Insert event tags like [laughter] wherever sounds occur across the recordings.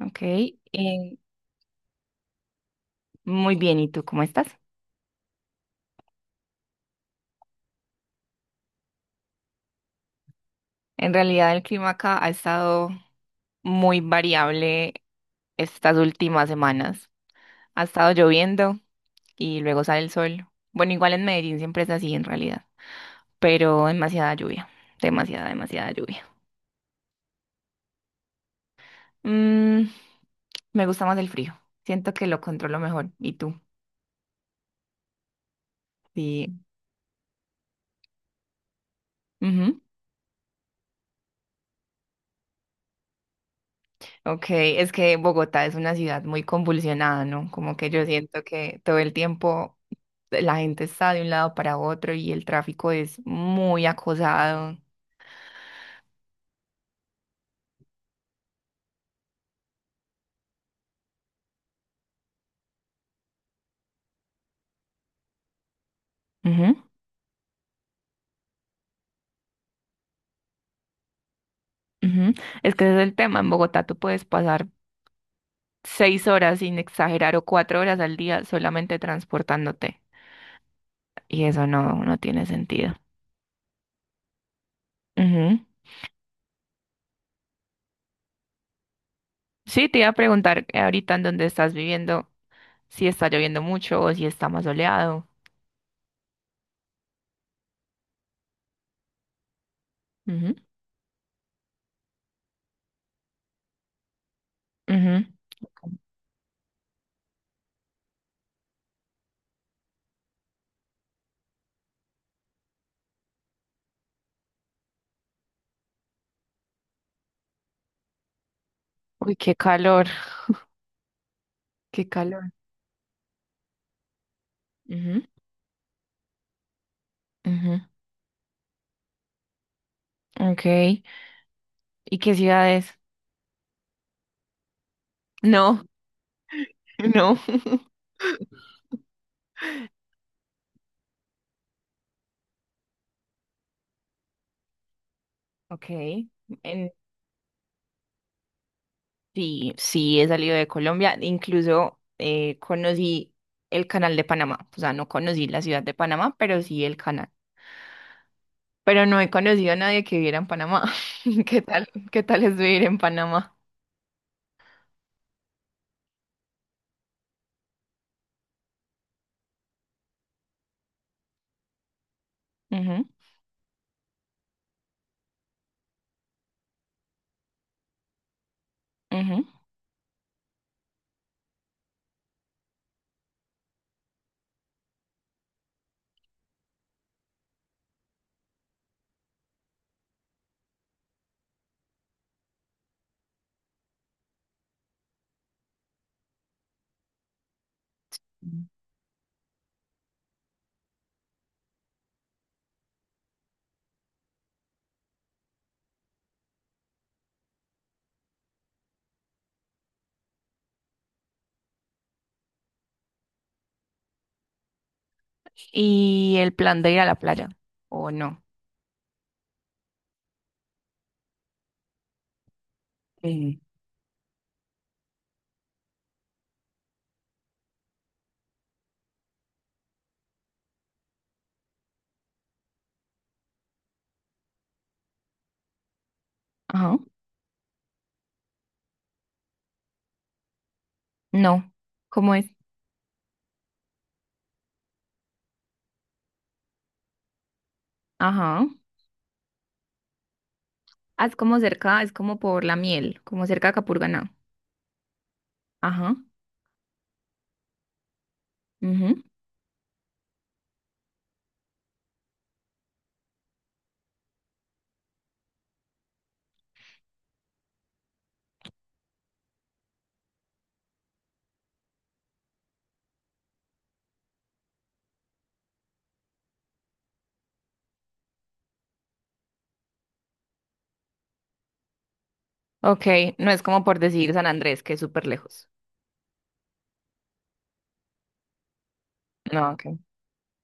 Ok, muy bien, ¿y tú cómo estás? En realidad el clima acá ha estado muy variable estas últimas semanas. Ha estado lloviendo y luego sale el sol. Bueno, igual en Medellín siempre es así en realidad, pero demasiada lluvia, demasiada, demasiada lluvia. Mm, me gusta más el frío, siento que lo controlo mejor. ¿Y tú? Sí. Ujú. Ok, es que Bogotá es una ciudad muy convulsionada, ¿no? Como que yo siento que todo el tiempo la gente está de un lado para otro y el tráfico es muy acosado. Ujú, ujú. Es que ese es el tema. En Bogotá tú puedes pasar 6 horas sin exagerar o 4 horas al día solamente transportándote. Y eso no, no tiene sentido. Ujú. Sí, te iba a preguntar ahorita en dónde estás viviendo, si está lloviendo mucho o si está más soleado. Ujú, ujú. Uy, qué calor, qué calor. Ujú, ujú. Ok. ¿Y qué ciudades? No, [laughs] no. Ok, en- sí, sí, he salido de Colombia, incluso conocí el canal de Panamá, o sea, no conocí la ciudad de Panamá, pero sí el canal. Pero no he conocido a nadie que viviera en Panamá. [laughs] Qué tal es vivir en Panamá? Ujú, ujú. Mm. ¿Y el plan de ir a la playa? ¿O no? Eh, Ajá, no. ¿Cómo es? Ajá. Ah, es como cerca, es como por la miel, como cerca de Capurganá. Ajá. Ok, no es como por decir San Andrés, que es súper lejos. No, ok.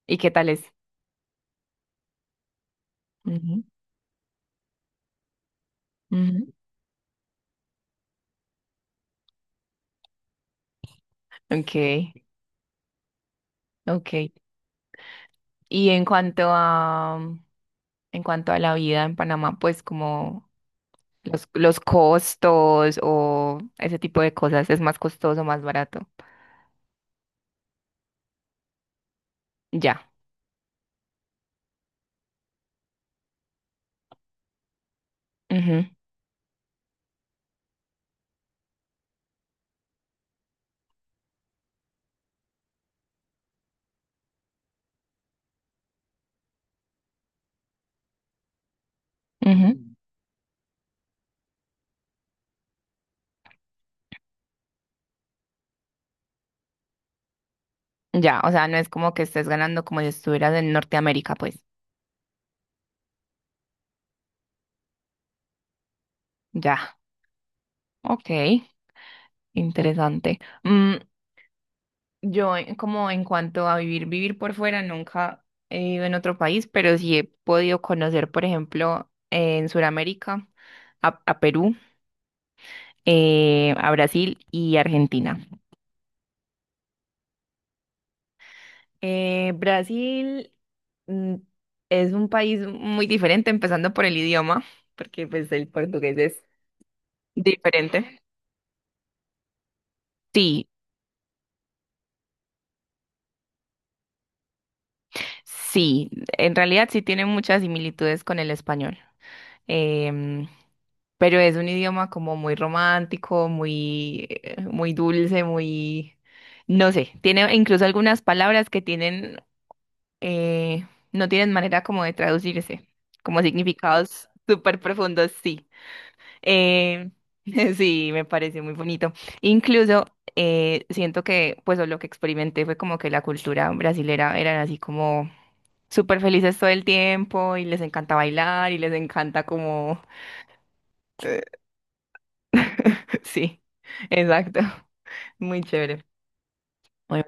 ¿Y qué tal es? Ujú, ujú. Ok, ok. Y en cuanto a la vida en Panamá, pues como los costos o ese tipo de cosas, ¿es más costoso, más barato? Ya. Ujú, ujú. Mm. Ya, o sea, no es como que estés ganando como si estuvieras en Norteamérica, pues. Ya. Okay. Interesante. Mm, yo, como en cuanto a vivir, vivir por fuera, nunca he vivido en otro país, pero sí he podido conocer, por ejemplo, en Sudamérica, a Perú, a Brasil y Argentina. Brasil mm, es un país muy diferente, empezando por el idioma, porque pues el portugués es diferente. Sí, sí, en realidad sí tiene muchas similitudes con el español. em, pero es un idioma como muy romántico, muy, muy dulce, muy, no sé, tiene incluso algunas palabras que tienen, eh, no tienen manera como de traducirse, como significados súper profundos, sí. Eh, [laughs] sí, me parece muy bonito. Incluso siento que, pues, o lo que experimenté fue como que la cultura brasilera eran así como súper felices todo el tiempo y les encanta bailar y les encanta como [laughs] sí, exacto. Muy chévere. Bueno,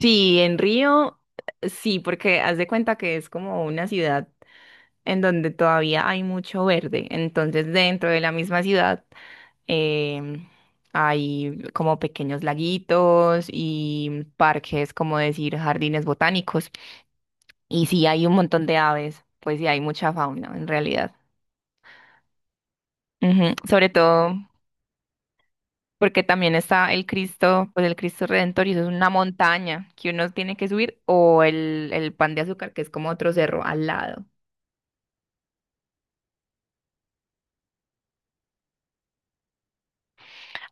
sí, en Río, sí, porque haz de cuenta que es como una ciudad en donde todavía hay mucho verde. Entonces, dentro de la misma ciudad em, hay como pequeños laguitos y parques, como decir, jardines botánicos. Y sí, hay un montón de aves, pues sí, hay mucha fauna en realidad. Ujú, sobre todo porque también está el Cristo, pues el Cristo Redentor, y eso es una montaña que uno tiene que subir, o el Pan de Azúcar, que es como otro cerro al lado.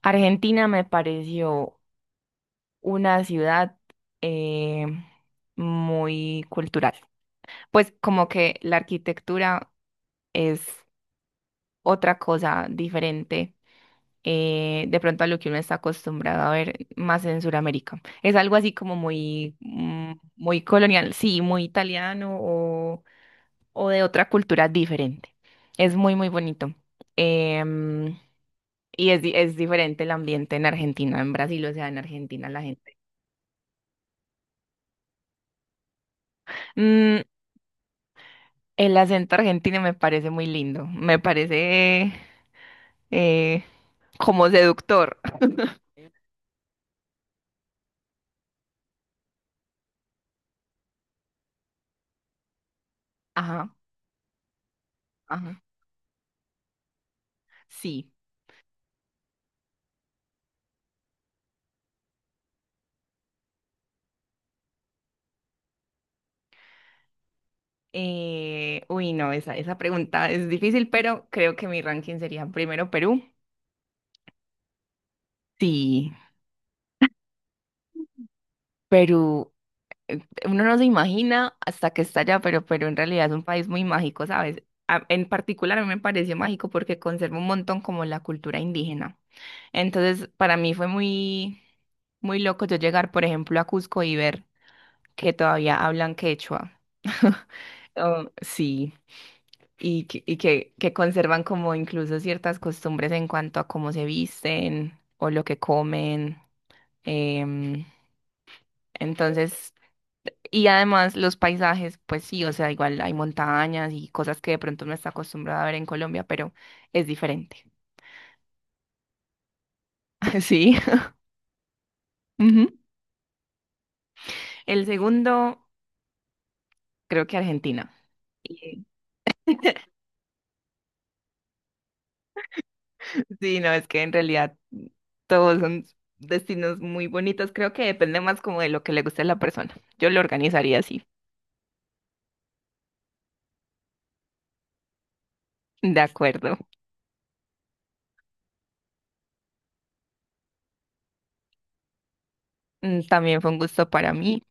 Argentina me pareció una ciudad eh, muy cultural. Pues como que la arquitectura es otra cosa diferente. De pronto a lo que uno está acostumbrado a ver más en Sudamérica. Es algo así como muy, muy colonial, sí, muy italiano o de otra cultura diferente. Es muy, muy bonito. Em, y es, es diferente el ambiente en Argentina, en Brasil, o sea, en Argentina la gente. Mm, el acento argentino me parece muy lindo, me parece eh, como seductor. [laughs] Ajá, ajá, sí. Uy, no, esa pregunta es difícil, pero creo que mi ranking sería primero Perú. Sí, Perú. eh, Uno no se imagina hasta que está allá, pero en realidad es un país muy mágico, ¿sabes? En particular a mí me pareció mágico porque conserva un montón como la cultura indígena. Entonces, para mí fue muy, muy loco yo llegar, por ejemplo, a Cusco y ver que todavía hablan quechua. [laughs] Oh, sí, y que conservan como incluso ciertas costumbres en cuanto a cómo se visten o lo que comen. em, entonces, Y además los paisajes, pues sí, o sea, igual hay montañas y cosas que de pronto no está acostumbrada a ver en Colombia, pero es diferente. [laughs] Sí. Ujú. El segundo, creo que Argentina. Y- [laughs] sí, no, es que en realidad todos son destinos muy bonitos. Creo que depende más como de lo que le guste a la persona. Yo lo organizaría así. De acuerdo. Mm, también fue un gusto para mí.